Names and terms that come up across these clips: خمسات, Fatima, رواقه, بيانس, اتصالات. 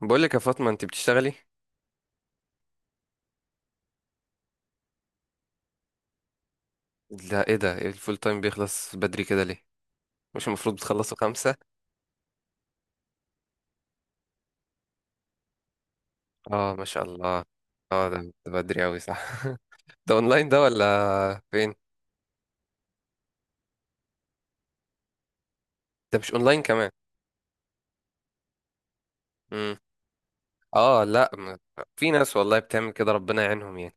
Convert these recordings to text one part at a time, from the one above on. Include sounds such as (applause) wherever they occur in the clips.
بقول لك يا فاطمة، انت بتشتغلي؟ لا، ايه ده؟ ايه الفول تايم بيخلص بدري كده ليه؟ مش المفروض بتخلصوا خمسة؟ اه، ما شاء الله. اه ده، ده بدري اوي صح. (laughs) ده اونلاين ده ولا فين؟ ده مش اونلاين كمان؟ امم. اه لا ما- في ناس والله بتعمل كده، ربنا يعينهم يعني.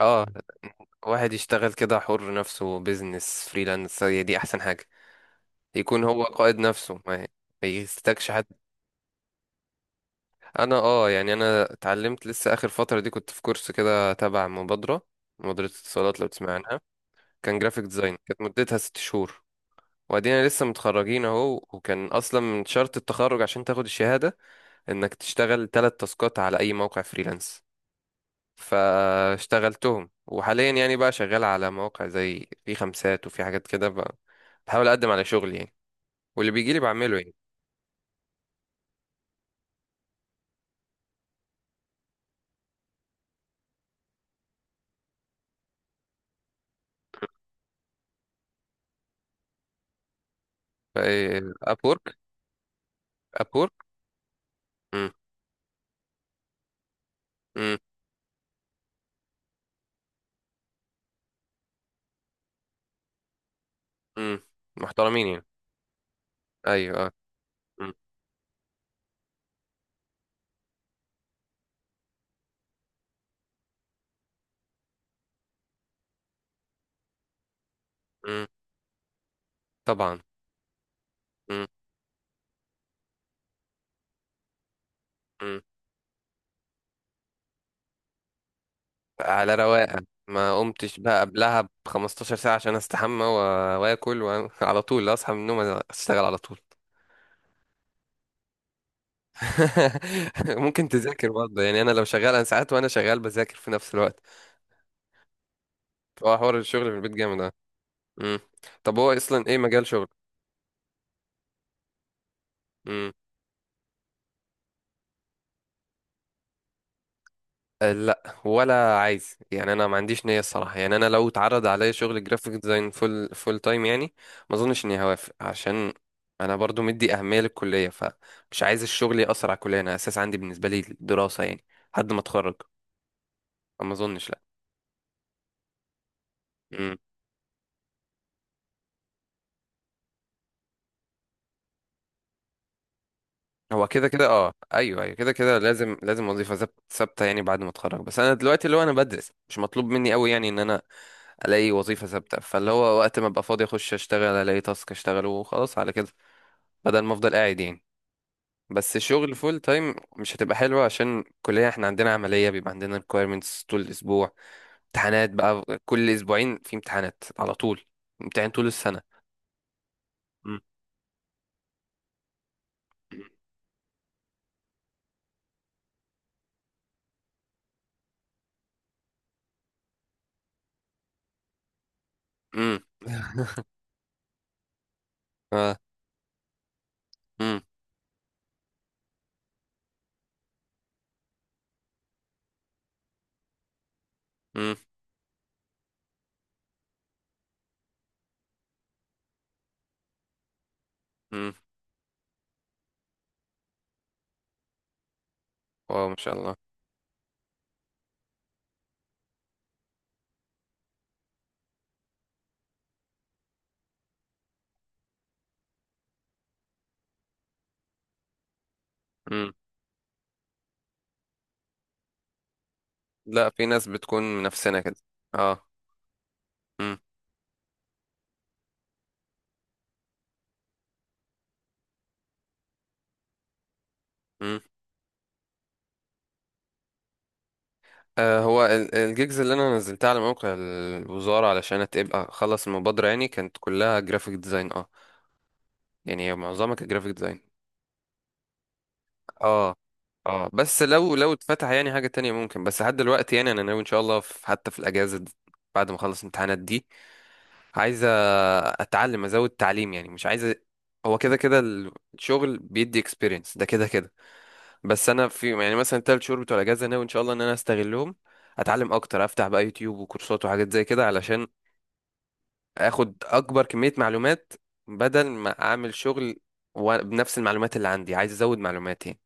اه، واحد يشتغل كده حر نفسه، بيزنس فريلانس، هي دي احسن حاجة. يكون هو قائد نفسه، ما يستكش حد. انا اه يعني انا اتعلمت لسه اخر فترة دي، كنت في كورس كده تبع مبادرة اتصالات، لو تسمع عنها. كان جرافيك ديزاين، كانت مدتها ست شهور. وادينا لسه متخرجين اهو، وكان اصلا من شرط التخرج عشان تاخد الشهاده انك تشتغل تلات تاسكات على اي موقع فريلانس. فاشتغلتهم، وحاليا يعني بقى شغال على مواقع زي في خمسات وفي حاجات كده بقى. بحاول اقدم على شغل يعني، واللي بيجي لي بعمله يعني. ابورك. ابورك. امم. امم. محترمين يعني، ايوه اه. مم، مم، طبعا. مم، مم. على رواقه. ما قمتش بقى قبلها ب 15 ساعة عشان استحمى و واكل وعلى (laughs) طول اصحى من النوم اشتغل على طول. (laughs) ممكن تذاكر برضه يعني، انا لو شغال، انا ساعات وانا شغال بذاكر في نفس الوقت. فهو حوار الشغل في البيت جامد اه. أمم. طب هو اصلا ايه مجال شغل؟ امم. أه لا ولا عايز يعني، انا ما عنديش نية الصراحة يعني. انا لو اتعرض عليا شغل جرافيك ديزاين فول تايم يعني ما اظنش اني هوافق، عشان انا برضو مدي اهمية للكلية، فمش عايز الشغل يأثر على الكلية. انا اساس عندي بالنسبة لي الدراسة يعني، لحد ما اتخرج. فما اظنش لا. مم. هو كده كده اه، ايوه ايوه، كده كده لازم وظيفة ثابتة يعني بعد ما اتخرج. بس انا دلوقتي اللي هو انا بدرس، مش مطلوب مني قوي يعني ان انا الاقي وظيفة ثابتة. فاللي هو وقت ما ابقى فاضي اخش اشتغل، الاقي تاسك اشتغله وخلاص على كده، بدل ما افضل قاعد يعني. بس شغل فول تايم مش هتبقى حلوة، عشان الكلية احنا عندنا عملية، بيبقى عندنا requirements طول الأسبوع. امتحانات بقى، كل أسبوعين في امتحانات على طول، امتحان طول السنة. مم. امم. اه. امم. امم. امم. واو ما شاء الله. امم. لا، في ناس بتكون من نفسنا كده. اه. امم. امم. آه، هو الجيجز اللي انا نزلتها على موقع الوزارة علشان تبقى خلص المبادرة يعني، كانت كلها جرافيك ديزاين اه. يعني معظمها كانت جرافيك ديزاين. اه اه، بس لو اتفتح يعني حاجة تانية ممكن، بس لحد دلوقتي يعني انا ناوي ان شاء الله في، حتى في الاجازة دي، بعد ما اخلص الامتحانات دي، عايز أ- اتعلم، ازود تعليم يعني. مش عايز أ- هو كده كده الشغل بيدي اكسبيرينس، ده كده كده. بس انا في يعني مثلا التلات شهور بتوع الاجازة ناوي ان شاء الله ان انا استغلهم، اتعلم اكتر، افتح بقى يوتيوب وكورسات وحاجات زي كده علشان اخد اكبر كمية معلومات بدل ما اعمل شغل بنفس المعلومات اللي عندي. عايز ازود معلوماتي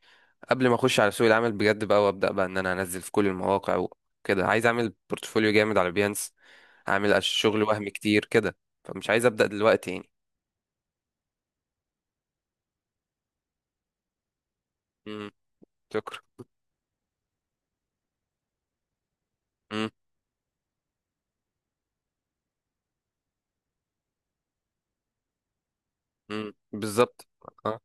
قبل ما اخش على سوق العمل بجد بقى، وابدا بقى ان انا انزل في كل المواقع وكده. عايز اعمل بورتفوليو جامد على بيانس، اعمل شغل وهم كتير كده. فمش عايز ابدا دلوقتي يعني. امم. شكرا. امم. امم، بالظبط. اه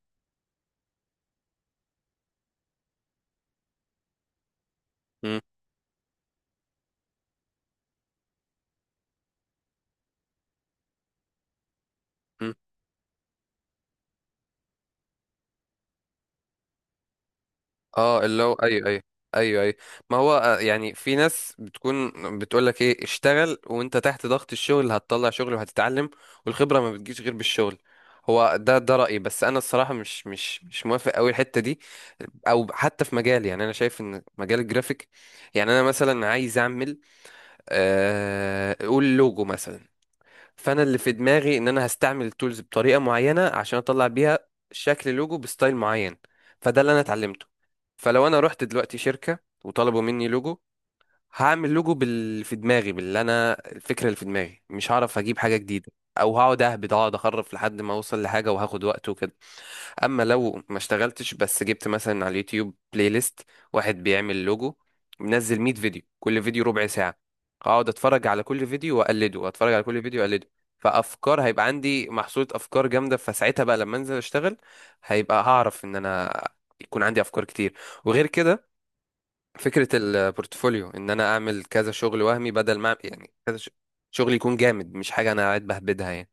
اه، اللي هو ايوه ايوه، ايوه ايوه. ما هو آه، يعني في ناس بتكون بتقول لك ايه اشتغل، وانت تحت ضغط الشغل هتطلع شغل وهتتعلم، والخبره ما بتجيش غير بالشغل. هو ده ده رايي، بس انا الصراحه مش مش موافق قوي الحته دي، او حتى في مجالي. يعني انا شايف ان مجال الجرافيك، يعني انا مثلا عايز اعمل آه، قول لوجو مثلا. فانا اللي في دماغي ان انا هستعمل التولز بطريقه معينه عشان اطلع بيها شكل لوجو بستايل معين، فده اللي انا اتعلمته. فلو انا رحت دلوقتي شركه وطلبوا مني لوجو، هعمل لوجو بال في دماغي، باللي انا الفكره اللي في دماغي، مش هعرف اجيب حاجه جديده، او هقعد اهبد، اقعد اخرف لحد ما اوصل لحاجه، وهاخد وقت وكده. اما لو ما اشتغلتش بس جبت مثلا على اليوتيوب بلاي ليست واحد بيعمل لوجو، منزل 100 فيديو، كل فيديو ربع ساعة، اقعد اتفرج على كل فيديو واقلده، اتفرج على كل فيديو واقلده. فافكار هيبقى عندي محصولة افكار جامدة. فساعتها بقى لما انزل اشتغل، هيبقى هعرف ان انا يكون عندي افكار كتير. وغير كده، فكرة البورتفوليو ان انا اعمل كذا شغل وهمي، بدل ما أعمل- يعني كذا ش- شغل يكون جامد، مش حاجة انا قاعد بهبدها يعني.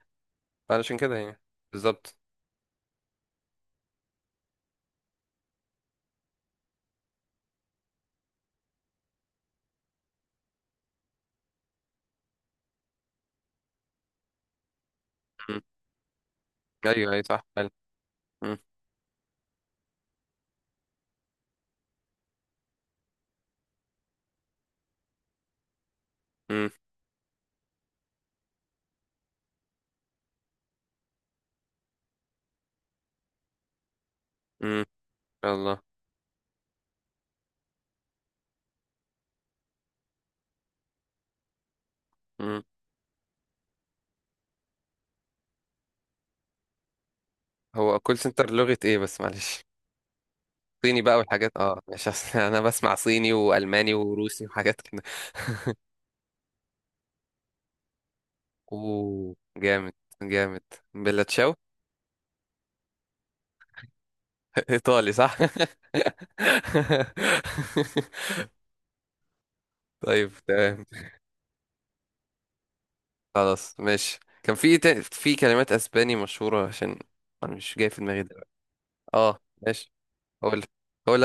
فعلشان كده يعني، بالظبط. م. ايوه، اي صح فعلا. م. امم. الله. امم. هو كول سنتر لغة ايه بس معلش؟ صيني بقى والحاجات اه، مش أصل (laughs) انا بسمع صيني والماني وروسي وحاجات كده. (laughs) اوه جامد، جامد. بلا تشاو. (laughs) ايطالي صح. (laughs) طيب تمام. خلاص ماشي. كان في في كلمات اسباني مشهورة، عشان انا مش جاي في دماغي دلوقتي. اه ماشي. قول. قول.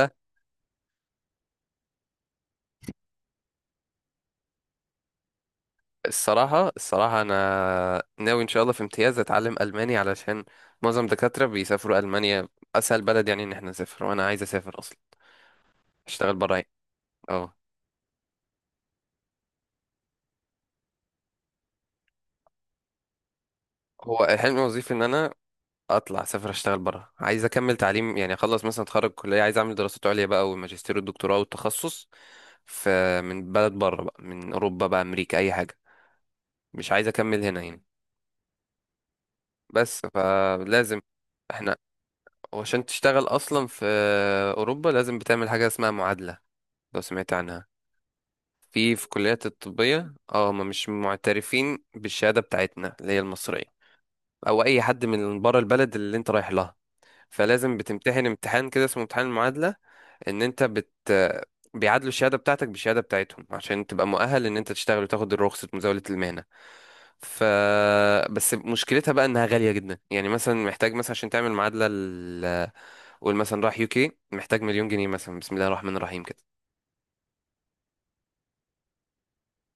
الصراحة، الصراحة أنا ناوي إن شاء الله في امتياز أتعلم ألماني، علشان معظم الدكاترة بيسافروا ألمانيا، أسهل بلد يعني إن إحنا نسافر، وأنا عايز أسافر أصلا أشتغل برا يعني. أه. هو حلمي وظيفي إن أنا أطلع أسافر أشتغل برا، عايز أكمل تعليم يعني. أخلص مثلا أتخرج كلية، عايز أعمل دراسات عليا بقى، والماجستير والدكتوراه والتخصص ف من بلد برا بقى، من أوروبا بقى، أمريكا، أي حاجة. مش عايز أكمل هنا يعني. بس فلازم إحنا، وعشان تشتغل أصلا في أوروبا، لازم بتعمل حاجة اسمها معادلة، لو سمعت عنها. في الكليات الطبية اه، هما مش معترفين بالشهادة بتاعتنا اللي هي المصرية، أو أي حد من بره البلد اللي أنت رايح لها. فلازم بتمتحن امتحان كده اسمه امتحان المعادلة. إن أنت بت بيعادلوا الشهادة بتاعتك بالشهادة بتاعتهم عشان تبقى مؤهل إن أنت تشتغل وتاخد رخصة مزاولة المهنة. ف بس مشكلتها بقى إنها غالية جدا يعني. مثلا محتاج مثلا عشان تعمل معادلة قول مثلا راح يوكي، محتاج مليون جنيه مثلا، بسم الله الرحمن الرحيم كده.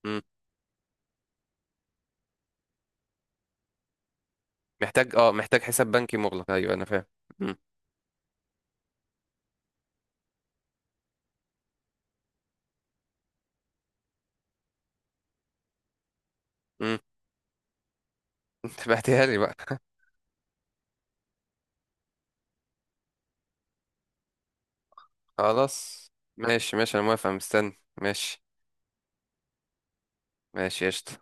إمم. محتاج اه، محتاج حساب بنكي مغلق، ايوه انا فاهم. مم. مم. (laughs) انت بعتها لي بقى. خلاص ماشي ماشي، انا موافق مستني. ماشي ماشي، قشطة.